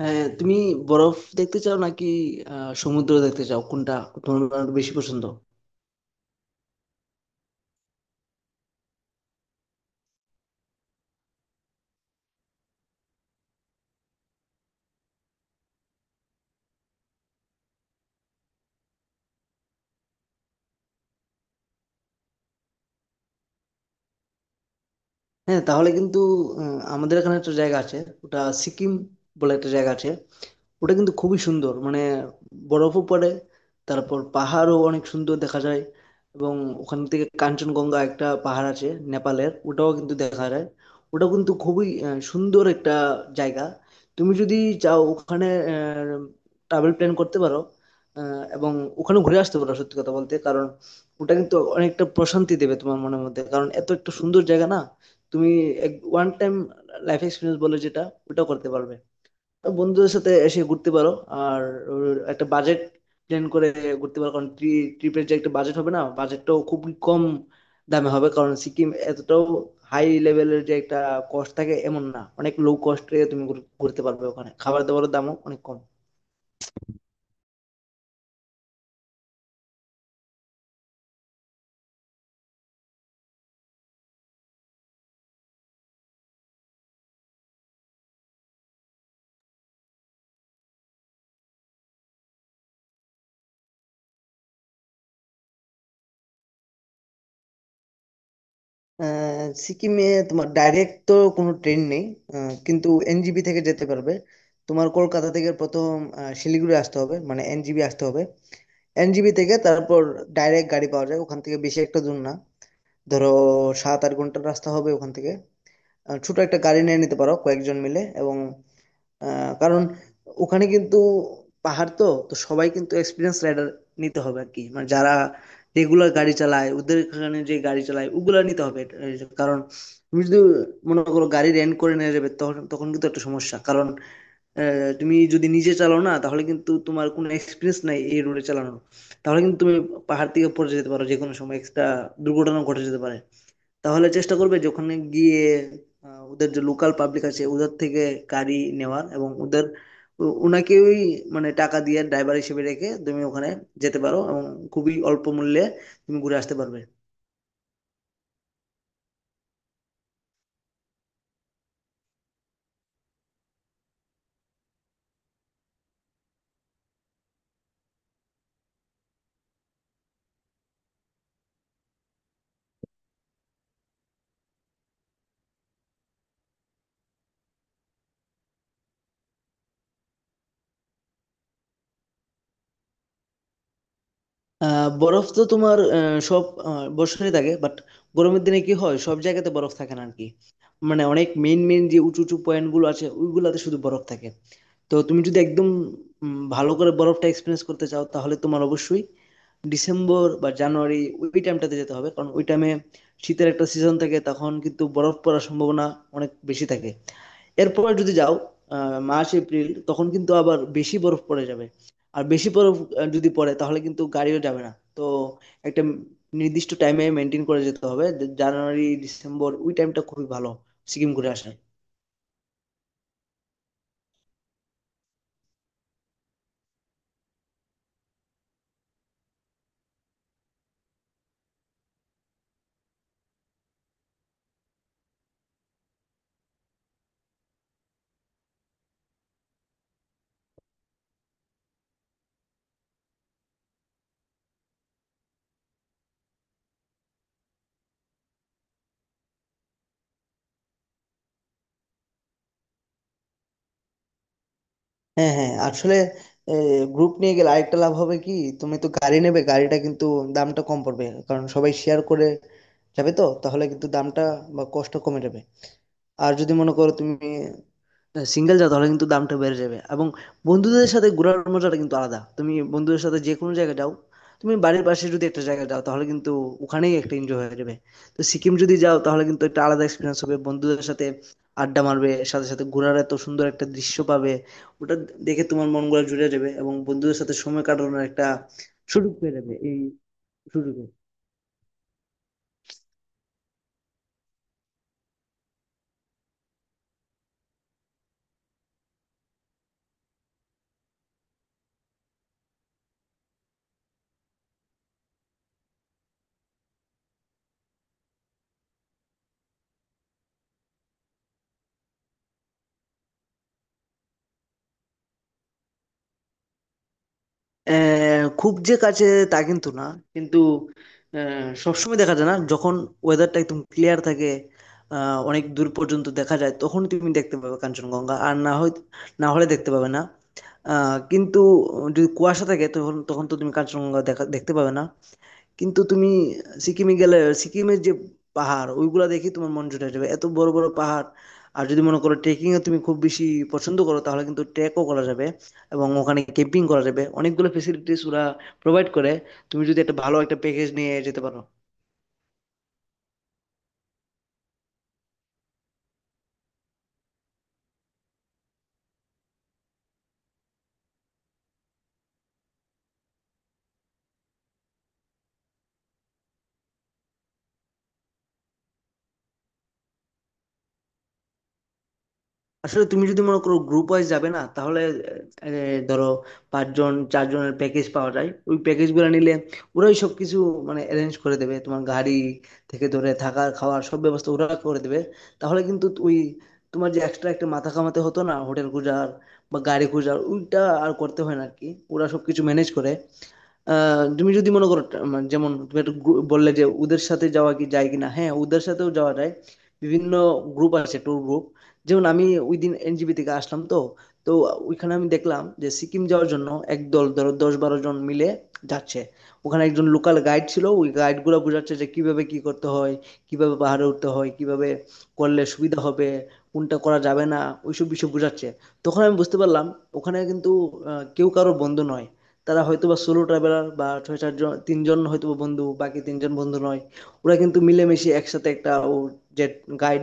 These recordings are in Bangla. হ্যাঁ, তুমি বরফ দেখতে চাও নাকি সমুদ্র দেখতে চাও? কোনটা তোমার বেশি পছন্দ? হ্যাঁ, তাহলে কিন্তু আমাদের এখানে একটা জায়গা আছে, ওটা সিকিম বলে একটা জায়গা আছে। ওটা কিন্তু খুবই সুন্দর, মানে বরফও পড়ে, তারপর পাহাড়ও অনেক সুন্দর দেখা যায়। এবং ওখান থেকে কাঞ্চনগঙ্গা একটা পাহাড় আছে নেপালের, ওটাও কিন্তু দেখা যায়। ওটা কিন্তু খুবই সুন্দর একটা জায়গা। তুমি যদি চাও, ওখানে ট্রাভেল প্ল্যান করতে পারো এবং ওখানে ঘুরে আসতে পারো। সত্যি কথা বলতে, কারণ ওটা কিন্তু অনেকটা প্রশান্তি দেবে তোমার মনের মধ্যে, কারণ এত একটা সুন্দর জায়গা না। তুমি এক ওয়ান টাইম লাইফ এক্সপিরিয়েন্স বলে যেটা, ওটা করতে পারবে। তো বন্ধুদের সাথে এসে ঘুরতে পারো, আর ওর একটা বাজেট প্ল্যান করে ঘুরতে পারো, কারণ ট্রিপের যে একটা বাজেট হবে না, বাজেটটাও খুব কম দামে হবে, কারণ সিকিম এতটাও হাই লেভেলের যে একটা কস্ট থাকে এমন না, অনেক লো কস্টে তুমি ঘুরতে পারবে। ওখানে খাবার দাবারের দামও অনেক কম। সিকিমে তোমার ডাইরেক্ট তো কোনো ট্রেন নেই, কিন্তু এনজিবি থেকে যেতে পারবে। তোমার কলকাতা থেকে প্রথম শিলিগুড়ি আসতে হবে, মানে এনজিবি আসতে হবে। এনজিবি থেকে তারপর ডাইরেক্ট গাড়ি পাওয়া যায়, ওখান থেকে বেশি একটা দূর না। ধরো, 7-8 ঘন্টার রাস্তা হবে ওখান থেকে। ছোট একটা গাড়ি নিয়ে নিতে পারো কয়েকজন মিলে। এবং আহ, কারণ ওখানে কিন্তু পাহাড় তো তো সবাই কিন্তু এক্সপিরিয়েন্স রাইডার নিতে হবে আর কি, মানে যারা রেগুলার গাড়ি চালায় ওদের, এখানে যে গাড়ি চালায় ওগুলা নিতে হবে। কারণ তুমি যদি মনে করো গাড়ি রেন্ট করে নিয়ে যাবে, তখন তখন কিন্তু একটা সমস্যা, কারণ তুমি যদি নিজে চালাও না, তাহলে কিন্তু তোমার কোনো এক্সপিরিয়েন্স নাই এই রোডে চালানোর। তাহলে কিন্তু তুমি পাহাড় থেকে পড়ে যেতে পারো যে কোনো সময়, একটা দুর্ঘটনা ঘটে যেতে পারে। তাহলে চেষ্টা করবে যে ওখানে গিয়ে ওদের যে লোকাল পাবলিক আছে ওদের থেকে গাড়ি নেওয়ার, এবং ওদের ওনাকেই মানে টাকা দিয়ে ড্রাইভার হিসেবে রেখে তুমি ওখানে যেতে পারো, এবং খুবই অল্প মূল্যে তুমি ঘুরে আসতে পারবে। বরফ তো তোমার সব বছরই থাকে, বাট গরমের দিনে কি হয়, সব জায়গাতে বরফ থাকে না আর কি। মানে অনেক মেইন মেইন যে উঁচু উঁচু পয়েন্ট গুলো আছে, ওইগুলাতে শুধু বরফ থাকে। তো তুমি যদি একদম ভালো করে বরফটা এক্সপিরিয়েন্স করতে চাও, তাহলে তোমার অবশ্যই ডিসেম্বর বা জানুয়ারি ওই টাইমটাতে যেতে হবে, কারণ ওই টাইমে শীতের একটা সিজন থাকে, তখন কিন্তু বরফ পড়ার সম্ভাবনা অনেক বেশি থাকে। এরপর যদি যাও মার্চ এপ্রিল, তখন কিন্তু আবার বেশি বরফ পড়ে যাবে। আর বেশি বরফ যদি পড়ে, তাহলে কিন্তু গাড়িও যাবে না। তো একটা নির্দিষ্ট টাইমে মেনটেন করে যেতে হবে যে জানুয়ারি ডিসেম্বর ওই টাইমটা খুবই ভালো সিকিম ঘুরে আসার। হ্যাঁ, হ্যাঁ, আসলে গ্রুপ নিয়ে গেলে আরেকটা লাভ হবে কি, তুমি তো গাড়ি নেবে, গাড়িটা কিন্তু দামটা কম পড়বে, কারণ সবাই শেয়ার করে যাবে। তো তাহলে কিন্তু দামটা বা কষ্ট কমে যাবে। আর যদি মনে করো তুমি সিঙ্গেল যাও, তাহলে কিন্তু দামটা বেড়ে যাবে। এবং বন্ধুদের সাথে ঘোরার মজাটা কিন্তু আলাদা। তুমি বন্ধুদের সাথে যে কোনো জায়গায় যাও, তুমি বাড়ির পাশে যদি একটা জায়গায় যাও, তাহলে কিন্তু ওখানেই একটা এনজয় হয়ে যাবে। তো সিকিম যদি যাও, তাহলে কিন্তু একটা আলাদা এক্সপিরিয়েন্স হবে। বন্ধুদের সাথে আড্ডা মারবে, সাথে সাথে ঘোরার এত সুন্দর একটা দৃশ্য পাবে, ওটা দেখে তোমার মন গুলা জুড়ে যাবে, এবং বন্ধুদের সাথে সময় কাটানোর একটা সুযোগ পেয়ে যাবে এই সুযোগে। খুব যে কাছে তা কিন্তু না, কিন্তু সবসময় দেখা যায় না। যখন ওয়েদারটা একদম ক্লিয়ার থাকে অনেক দূর পর্যন্ত দেখা যায়, তখন তুমি দেখতে পাবে কাঞ্চনজঙ্ঘা, আর না হয় না হলে দেখতে পাবে না। কিন্তু যদি কুয়াশা থাকে, তখন তখন তো তুমি কাঞ্চনজঙ্ঘা দেখতে পাবে না। কিন্তু তুমি সিকিমে গেলে সিকিমের যে পাহাড় ওইগুলা দেখে তোমার মন জুড়ে যাবে, এত বড় বড় পাহাড়। আর যদি মনে করো ট্রেকিং এ তুমি খুব বেশি পছন্দ করো, তাহলে কিন্তু ট্রেকও করা যাবে, এবং ওখানে ক্যাম্পিং করা যাবে। অনেকগুলো ফেসিলিটিস ওরা প্রোভাইড করে। তুমি যদি একটা ভালো একটা প্যাকেজ নিয়ে যেতে পারো। আসলে তুমি যদি মনে করো গ্রুপ ওয়াইজ যাবে না, তাহলে ধরো পাঁচজন চারজনের প্যাকেজ পাওয়া যায়। ওই প্যাকেজগুলো নিলে ওরাই সব কিছু মানে অ্যারেঞ্জ করে দেবে, তোমার গাড়ি থেকে ধরে থাকার খাওয়ার সব ব্যবস্থা ওরা করে দেবে। তাহলে কিন্তু ওই তোমার যে এক্সট্রা একটা মাথা কামাতে হতো না হোটেল খোঁজার বা গাড়ি খোঁজার, ওইটা আর করতে হয় না আর কি, ওরা সব কিছু ম্যানেজ করে। তুমি যদি মনে করো মানে যেমন তুমি একটু বললে যে ওদের সাথে যাওয়া কি যায় কিনা, হ্যাঁ, ওদের সাথেও যাওয়া যায়। বিভিন্ন গ্রুপ আছে ট্যুর গ্রুপ। যেমন আমি ওই দিন এনজিপি থেকে আসলাম, তো তো ওইখানে আমি দেখলাম যে সিকিম যাওয়ার জন্য একদল, ধরো 10-12 জন মিলে যাচ্ছে। ওখানে একজন লোকাল গাইড ছিল, ওই গাইড গুলো বোঝাচ্ছে যে কিভাবে কি করতে হয়, কিভাবে পাহাড়ে উঠতে হয়, কিভাবে করলে সুবিধা হবে, কোনটা করা যাবে না, ওইসব বিষয় বোঝাচ্ছে। তখন আমি বুঝতে পারলাম ওখানে কিন্তু কেউ কারো বন্ধু নয়। তারা হয়তো বা সোলো ট্রাভেলার, বা ছয় চারজন তিনজন হয়তো বা বন্ধু, বাকি তিনজন বন্ধু নয়। ওরা কিন্তু মিলেমিশে একসাথে একটা ও যে গাইড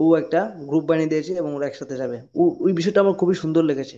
ও একটা গ্রুপ বানিয়ে দিয়েছে, এবং ওরা একসাথে যাবে, ও ওই বিষয়টা আমার খুবই সুন্দর লেগেছে।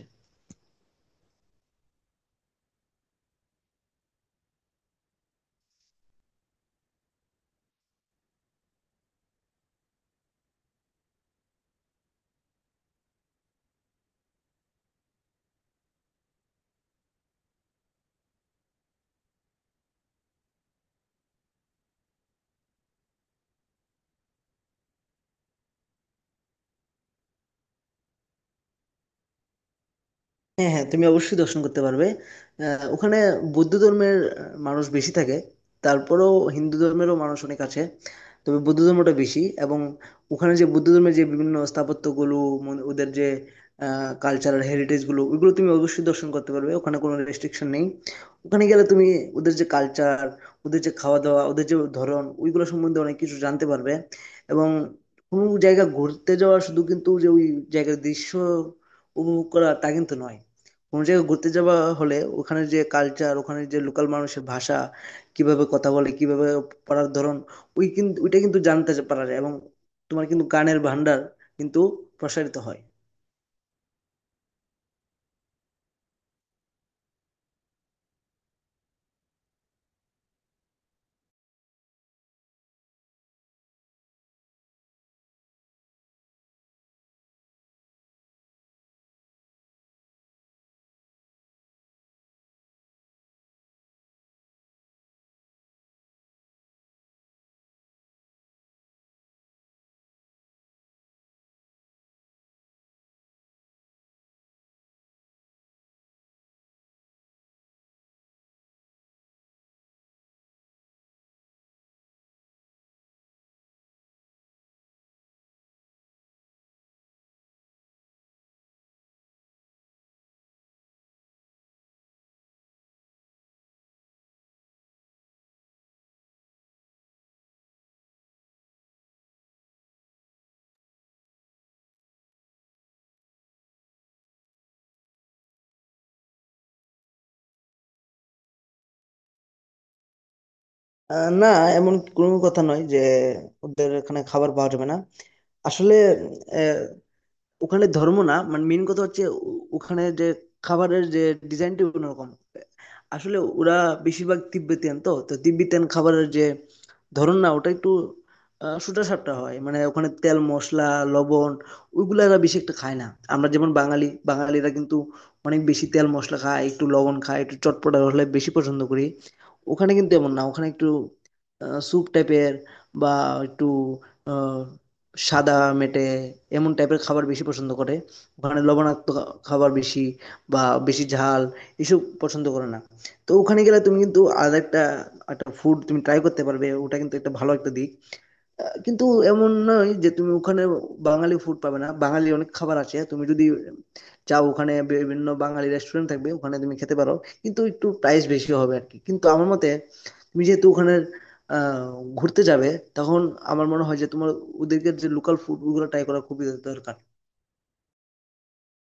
হ্যাঁ, হ্যাঁ, তুমি অবশ্যই দর্শন করতে পারবে। ওখানে বৌদ্ধ ধর্মের মানুষ বেশি থাকে, তারপরেও হিন্দু ধর্মেরও মানুষ অনেক আছে, তবে বৌদ্ধ ধর্মটা বেশি। এবং ওখানে যে বৌদ্ধ ধর্মের যে বিভিন্ন স্থাপত্যগুলো, ওদের যে কালচারাল হেরিটেজগুলো, ওইগুলো তুমি অবশ্যই দর্শন করতে পারবে, ওখানে কোনো রেস্ট্রিকশন নেই। ওখানে গেলে তুমি ওদের যে কালচার, ওদের যে খাওয়া দাওয়া, ওদের যে ধরন, ওইগুলো সম্বন্ধে অনেক কিছু জানতে পারবে। এবং কোনো জায়গা ঘুরতে যাওয়া শুধু কিন্তু যে ওই জায়গার দৃশ্য উপভোগ করা তা কিন্তু নয়, কোনো জায়গায় ঘুরতে যাওয়া হলে ওখানে যে কালচার, ওখানে যে লোকাল মানুষের ভাষা, কিভাবে কথা বলে, কিভাবে পড়ার ধরন, ওই কিন্তু ওইটা কিন্তু জানতে পারা যায়, এবং তোমার কিন্তু গানের ভান্ডার কিন্তু প্রসারিত হয়। না, এমন কোনো কথা নয় যে ওদের এখানে খাবার পাওয়া যাবে না। আসলে ওখানে ধর্ম না, মানে মেইন কথা হচ্ছে ওখানে যে খাবারের যে ডিজাইনটি অন্যরকম। আসলে ওরা বেশিরভাগ তিব্বেতিয়ান, তো তো তিব্বেতিয়ান খাবারের যে ধরন না ওটা একটু সুটা সাপটা হয়, মানে ওখানে তেল মশলা লবণ ওইগুলো এরা বেশি একটা খায় না। আমরা যেমন বাঙালি, বাঙালিরা কিন্তু অনেক বেশি তেল মশলা খায়, একটু লবণ খায়, একটু চটপটা হলে বেশি পছন্দ করি। ওখানে কিন্তু এমন না, ওখানে একটু স্যুপ টাইপের বা একটু সাদা মেটে এমন টাইপের খাবার বেশি পছন্দ করে। ওখানে লবণাক্ত খাবার বেশি বা বেশি ঝাল এসব পছন্দ করে না। তো ওখানে গেলে তুমি কিন্তু আর একটা একটা ফুড তুমি ট্রাই করতে পারবে, ওটা কিন্তু একটা ভালো একটা দিক। কিন্তু এমন নয় যে তুমি ওখানে বাঙালি ফুড পাবে না। বাঙালি অনেক খাবার আছে। তুমি যদি চাও ওখানে বিভিন্ন বাঙালি রেস্টুরেন্ট থাকবে, ওখানে তুমি খেতে পারো। কিন্তু একটু প্রাইস বেশি হবে আর কি। কিন্তু আমার মতে তুমি যেহেতু ওখানে আ ঘুরতে যাবে, তখন আমার মনে হয় যে তোমার ওদেরকে যে লোকাল ফুড ওগুলো ট্রাই করা খুবই দরকার।